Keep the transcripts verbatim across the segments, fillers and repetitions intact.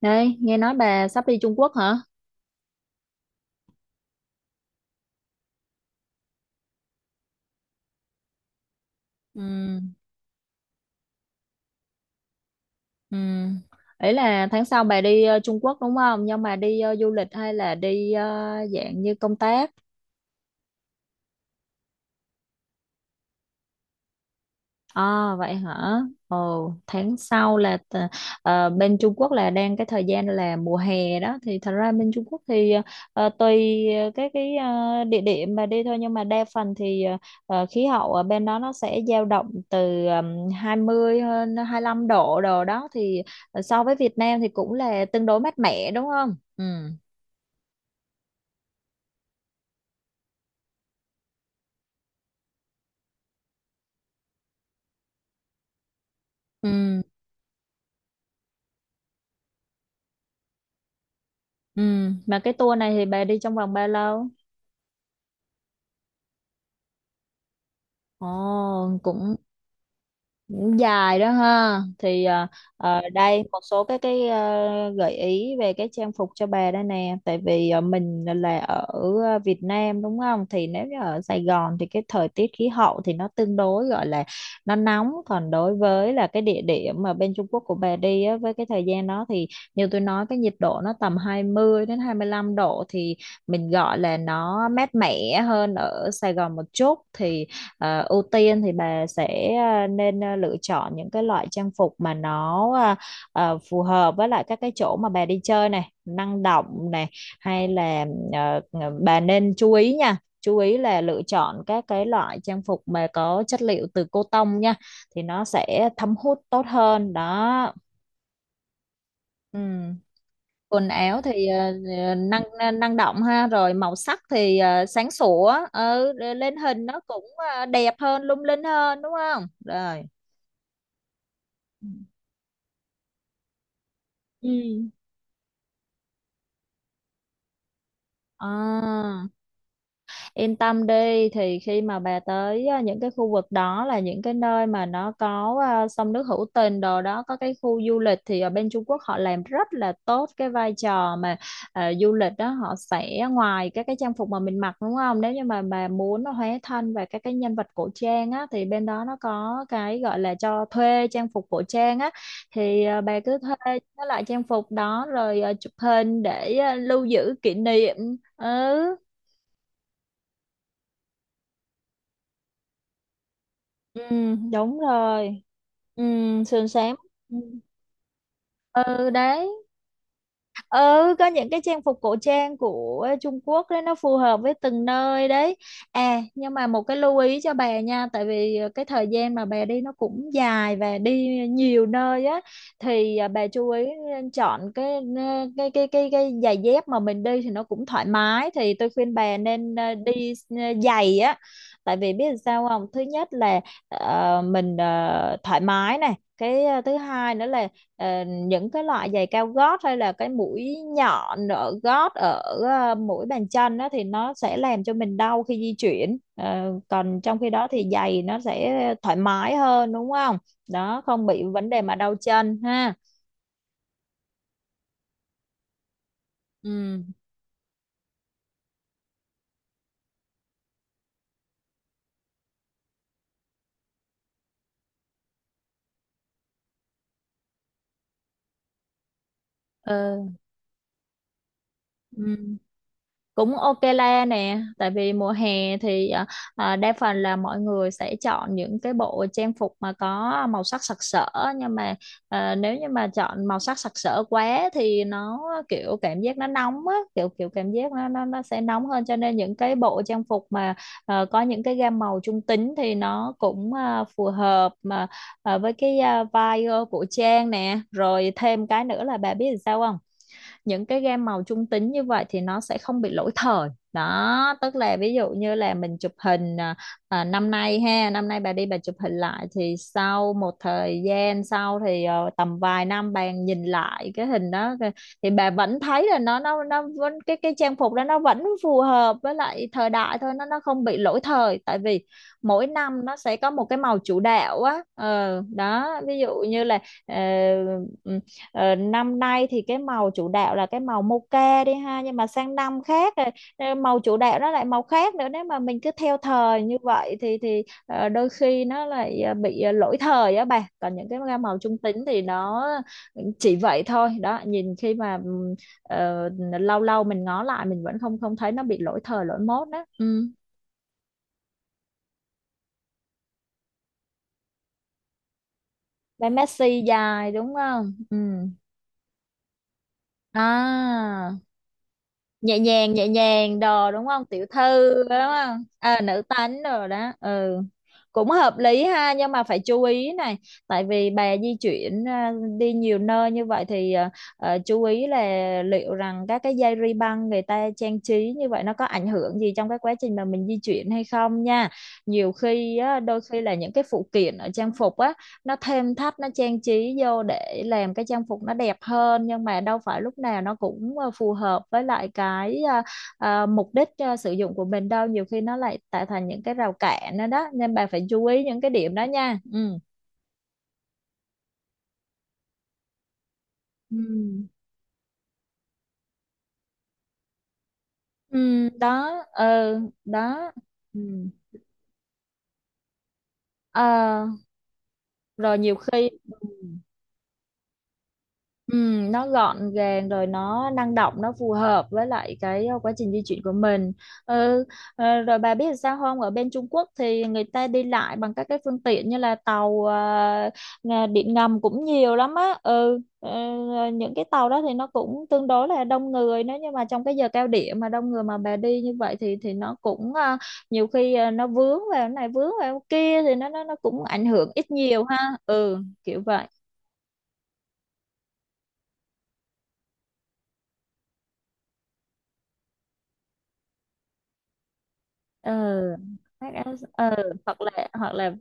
Đây, nghe nói bà sắp đi Trung Quốc hả? Ừ, ừ. Ý là tháng sau bà đi ờ, Trung Quốc đúng không? Nhưng mà đi ờ, du lịch hay là đi ờ, dạng như công tác? À, vậy hả? Ồ, tháng sau là t- ờ, bên Trung Quốc là đang cái thời gian là mùa hè đó thì thật ra bên Trung Quốc thì ờ, tùy ờ, cái cái ờ, địa điểm mà đi thôi, nhưng mà đa phần thì ờ, ờ, khí hậu ở bên đó nó sẽ dao động từ um, hai mươi hơn hai lăm độ đồ đó, thì so với Việt Nam thì cũng là tương đối mát mẻ đúng không? Ừ. Ừ. Ừ. Mà cái tour này thì bà đi trong vòng bao lâu? Ồ, cũng. Cũng dài đó ha, thì à, à, đây một số cái cái à, gợi ý về cái trang phục cho bà đây nè, tại vì à, mình là ở à, Việt Nam đúng không, thì nếu như ở Sài Gòn thì cái thời tiết khí hậu thì nó tương đối gọi là nó nóng, còn đối với là cái địa điểm mà bên Trung Quốc của bà đi á, với cái thời gian đó thì như tôi nói cái nhiệt độ nó tầm hai mươi đến hai mươi lăm độ, thì mình gọi là nó mát mẻ hơn ở Sài Gòn một chút. Thì ờ, ưu tiên thì bà sẽ ờ, nên ờ, lựa chọn những cái loại trang phục mà nó ờ, ờ, phù hợp với lại các cái chỗ mà bà đi chơi này, năng động này, hay là ờ, bà nên chú ý nha. Chú ý là lựa chọn các cái loại trang phục mà có chất liệu từ cotton nha, thì nó sẽ thấm hút tốt hơn đó. Ừ, quần áo thì ờ, ờ, năng năng động ha, rồi màu sắc thì ờ, sáng sủa, ừ, lên hình nó cũng ờ, đẹp hơn, lung linh hơn đúng không. Rồi. Ừ. À. Yên tâm đi, thì khi mà bà tới à, những cái khu vực đó là những cái nơi mà nó có à, sông nước hữu tình đồ đó, có cái khu du lịch thì ở bên Trung Quốc họ làm rất là tốt cái vai trò mà à, du lịch đó. Họ sẽ, ngoài các cái trang phục mà mình mặc đúng không, nếu như mà bà muốn nó hóa thân về các cái nhân vật cổ trang á thì bên đó nó có cái gọi là cho thuê trang phục cổ trang á. Thì à, bà cứ thuê cái loại trang phục đó rồi à, chụp hình để à, lưu giữ kỷ niệm. Ừ. Ừ, đúng rồi. Ừ, sườn xám. Ừ. Ừ, đấy. Ừ, có những cái trang phục cổ trang của ờ, Trung Quốc đấy, nó phù hợp với từng nơi đấy. À, nhưng mà một cái lưu ý cho bà nha, tại vì ờ, cái thời gian mà bà đi nó cũng dài và đi nhiều nơi á, thì à, bà chú ý ờ, chọn cái ờ, cái cái cái cái giày dép mà mình đi thì nó cũng thoải mái. Thì tôi khuyên bà nên à, đi à, giày á. Tại vì biết làm sao không, thứ nhất là ờ, mình ờ, thoải mái này, cái ờ, thứ hai nữa là ờ, những cái loại giày cao gót hay là cái mũi nhọn ở gót, ở ờ, mũi bàn chân đó, thì nó sẽ làm cho mình đau khi di chuyển. Ờ, còn trong khi đó thì giày nó sẽ thoải mái hơn đúng không, đó không bị vấn đề mà đau chân ha. Ừ. Ừ. Ừ. Cũng ok la nè, tại vì mùa hè thì à, à, đa phần là mọi người sẽ chọn những cái bộ trang phục mà có màu sắc sặc sỡ, nhưng mà à, nếu như mà chọn màu sắc sặc sỡ quá thì nó, kiểu cảm giác nó nóng á, kiểu kiểu cảm giác nó nó nó sẽ nóng hơn. Cho nên những cái bộ trang phục mà à, có những cái gam màu trung tính thì nó cũng à, phù hợp mà à, với cái à, vibe của trang nè. Rồi thêm cái nữa là bà biết làm sao không, những cái gam màu trung tính như vậy thì nó sẽ không bị lỗi thời đó, tức là ví dụ như là mình chụp hình à, à, năm nay ha, năm nay bà đi, bà chụp hình lại thì sau một thời gian sau thì ờ, tầm vài năm bà nhìn lại cái hình đó, thì bà vẫn thấy là nó nó nó vẫn, cái cái trang phục đó nó vẫn phù hợp với lại thời đại thôi, nó nó không bị lỗi thời. Tại vì mỗi năm nó sẽ có một cái màu chủ đạo á, ờ, đó, ví dụ như là ờ, ừ, ờ, năm nay thì cái màu chủ đạo là cái màu mocha đi ha, nhưng mà sang năm khác rồi ờ, màu chủ đạo nó lại màu khác nữa. Nếu mà mình cứ theo thời như vậy thì thì ờ, đôi khi nó lại ờ, bị ờ, lỗi thời á bà, còn những cái gam màu trung tính thì nó chỉ vậy thôi đó, nhìn khi mà ừm, ờ, lâu lâu mình ngó lại mình vẫn không không thấy nó bị lỗi thời lỗi mốt đó. Ừ. Bé Messi dài đúng không. Ừ. À, nhẹ nhàng nhẹ nhàng đồ đúng không, tiểu thư đúng không, à, nữ tánh rồi đó. Ừ, cũng hợp lý ha, nhưng mà phải chú ý này. Tại vì bà di chuyển à, đi nhiều nơi như vậy thì à, à, chú ý là liệu rằng các cái dây ri băng người ta trang trí như vậy nó có ảnh hưởng gì trong cái quá trình mà mình di chuyển hay không nha. Nhiều khi á, đôi khi là những cái phụ kiện ở trang phục á, nó thêm thắt nó trang trí vô để làm cái trang phục nó đẹp hơn, nhưng mà đâu phải lúc nào nó cũng ờ, phù hợp với lại cái ờ, ờ, mục đích ờ, sử dụng của mình đâu. Nhiều khi nó lại tạo thành những cái rào cản đó, đó nên bà phải chú ý những cái điểm đó nha. Ừ. Ừ. Ừ, đó. Ừ, đó. Ừ. Ờ, rồi nhiều khi. Ừ. Ừ, nó gọn gàng, rồi nó năng động, nó phù hợp với lại cái ờ, quá trình di chuyển của mình. Ừ, ờ, rồi bà biết làm sao không, ở bên Trung Quốc thì người ta đi lại bằng các cái phương tiện như là tàu ờ, ngà- điện ngầm cũng nhiều lắm á. Ừ, ờ, ờ, những cái tàu đó thì nó cũng tương đối là đông người. Nếu như mà trong cái giờ cao điểm mà đông người mà bà đi như vậy thì thì nó cũng ờ, nhiều khi ờ, nó vướng vào cái này vướng vào cái kia, thì nó nó nó cũng ảnh hưởng ít nhiều ha. Ừ. Kiểu vậy. Ừ, phát áo. Ừ, hoặc là, hoặc là,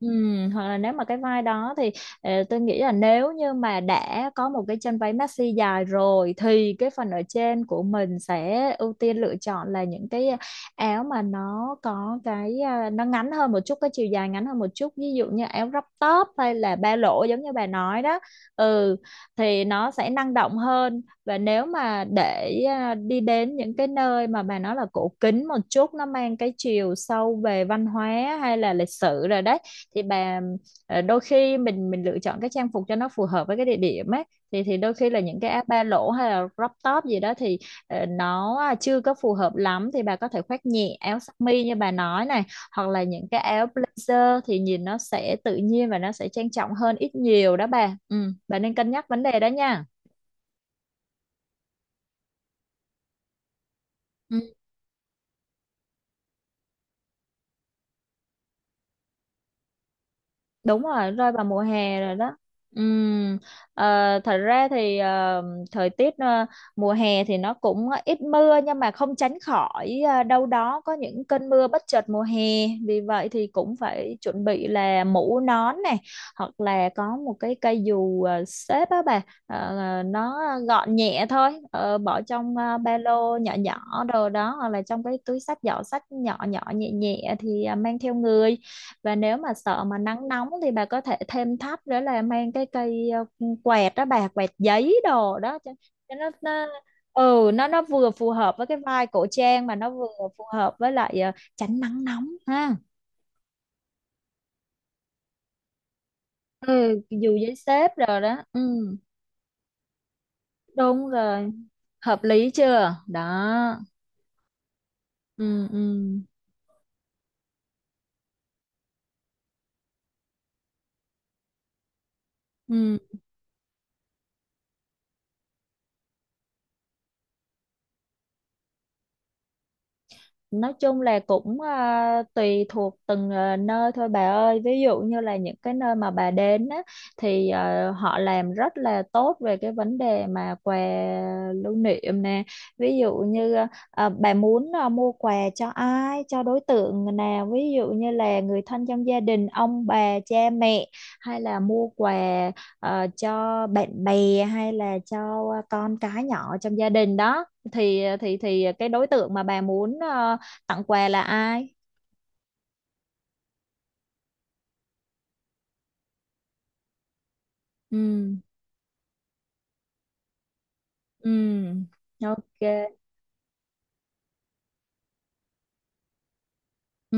ừ, hoặc là nếu mà cái vai đó thì ờ, tôi nghĩ là nếu như mà đã có một cái chân váy maxi dài rồi, thì cái phần ở trên của mình sẽ ưu tiên lựa chọn là những cái ờ, áo mà nó có cái à, nó ngắn hơn một chút, cái chiều dài ngắn hơn một chút, ví dụ như áo crop top hay là ba lỗ giống như bà nói đó. Ừ, thì nó sẽ năng động hơn. Và nếu mà để à, đi đến những cái nơi mà bà nói là cổ kính một chút, nó mang cái chiều sâu về văn hóa hay là lịch sử rồi đấy, thì bà ờ, đôi khi mình mình lựa chọn cái trang phục cho nó phù hợp với cái địa điểm ấy, thì thì đôi khi là những cái áo ba lỗ hay là crop top gì đó thì ờ, nó à, chưa có phù hợp lắm, thì bà có thể khoác nhẹ áo sơ mi như bà nói này, hoặc là những cái áo blazer thì nhìn nó sẽ tự nhiên và nó sẽ trang trọng hơn ít nhiều đó bà. Ừ, bà nên cân nhắc vấn đề đó nha. Ừ, đúng rồi, rơi vào mùa hè rồi đó. Ừm, ờ, thật ra thì ờ, thời tiết ờ, mùa hè thì nó cũng ít mưa, nhưng mà không tránh khỏi ờ, đâu đó có những cơn mưa bất chợt mùa hè. Vì vậy thì cũng phải chuẩn bị là mũ nón này, hoặc là có một cái cây dù ờ, xếp á bà. Ờ, ờ, nó gọn nhẹ thôi. Ờ, bỏ trong ờ, ba lô nhỏ nhỏ đồ đó, hoặc là trong cái túi xách, giỏ xách nhỏ nhỏ nhẹ nhẹ, thì ờ, mang theo người. Và nếu mà Sợ mà nắng nóng thì bà có thể thêm thắt nữa là mang cái cây ờ, quẹt đó, bà quẹt giấy đồ đó cho, cho nó, nó ừ nó nó vừa phù hợp với cái vai cổ trang mà nó vừa phù hợp với lại ờ, tránh nắng nóng ha. Ừ, dù giấy xếp rồi đó, ừ, đúng rồi, hợp lý chưa đó. Ừ, ừ, ừ. Nói chung là cũng à, tùy thuộc từng à, nơi thôi bà ơi. Ví dụ như là những cái nơi mà bà đến á, thì à, họ làm rất là tốt về cái vấn đề mà quà lưu niệm nè. Ví dụ như à, bà muốn à, mua quà cho ai, cho đối tượng nào. Ví dụ như là người thân trong gia đình, ông bà, cha mẹ. Hay là mua quà à, cho bạn bè hay là cho con cái nhỏ trong gia đình đó. Thì ờ, thì thì cái đối tượng mà bà muốn ờ, tặng quà là ai. Ừ, ừ, ok, ừ,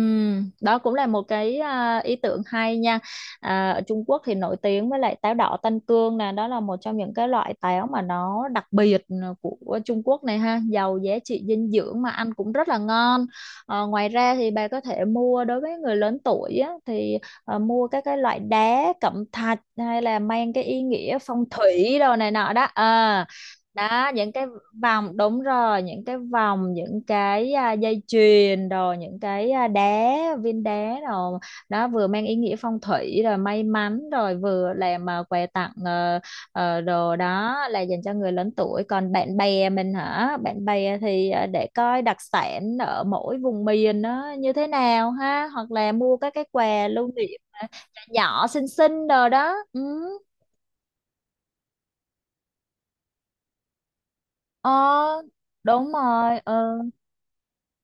đó cũng là một cái à, ý tưởng hay nha. À, ở Trung Quốc thì nổi tiếng với lại táo đỏ Tân Cương nè, đó là một trong những cái loại táo mà nó đặc biệt, ừ, của Trung Quốc này ha, giàu giá trị dinh dưỡng mà ăn cũng rất là ngon. Ờ, ngoài ra thì bà có thể mua đối với người lớn tuổi á, thì ờ, mua các cái loại đá cẩm thạch hay là mang cái ý nghĩa phong thủy đồ này nọ đó. Ờ, đó những cái vòng, đúng rồi, những cái vòng, những cái à, dây chuyền, rồi những cái à, đá, viên đá, rồi đó vừa mang ý nghĩa phong thủy rồi may mắn rồi vừa làm à, quà tặng, ờ, ờ, đồ đó là dành cho người lớn tuổi. Còn bạn bè mình hả, bạn bè thì à, để coi đặc sản ở mỗi vùng miền nó như thế nào ha, hoặc là mua các cái quà lưu niệm nhỏ xinh xinh đồ đó. Ừ. Ờ, đúng rồi, ừ.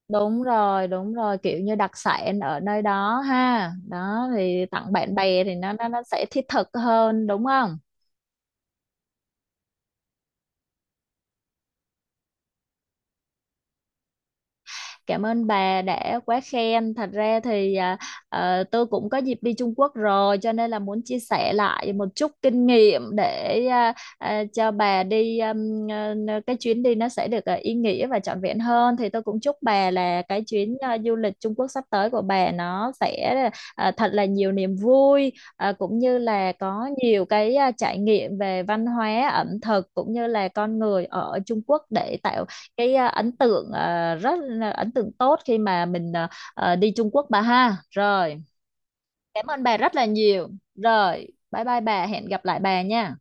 Đúng rồi, đúng rồi, kiểu như đặc sản ở nơi đó ha. Đó thì tặng bạn bè thì nó nó nó sẽ thiết thực hơn đúng không? Cảm ơn bà đã quá khen. Thật ra thì à, ờ, tôi cũng có dịp đi Trung Quốc rồi cho nên là muốn chia sẻ lại một chút kinh nghiệm để à, à, cho bà đi um, ờ, cái chuyến đi nó sẽ được à, ý nghĩa và trọn vẹn hơn. Thì tôi cũng chúc bà là cái chuyến à, du lịch Trung Quốc sắp tới của bà nó sẽ à, thật là nhiều niềm vui, à, cũng như là có nhiều cái à, trải nghiệm về văn hóa, ẩm thực cũng như là con người ở Trung Quốc, để tạo cái à, ấn tượng à, rất là ấn tượng tốt khi mà mình à, à, đi Trung Quốc bà ha. Rồi cảm ơn bà rất là nhiều, rồi bye bye bà, hẹn gặp lại bà nha.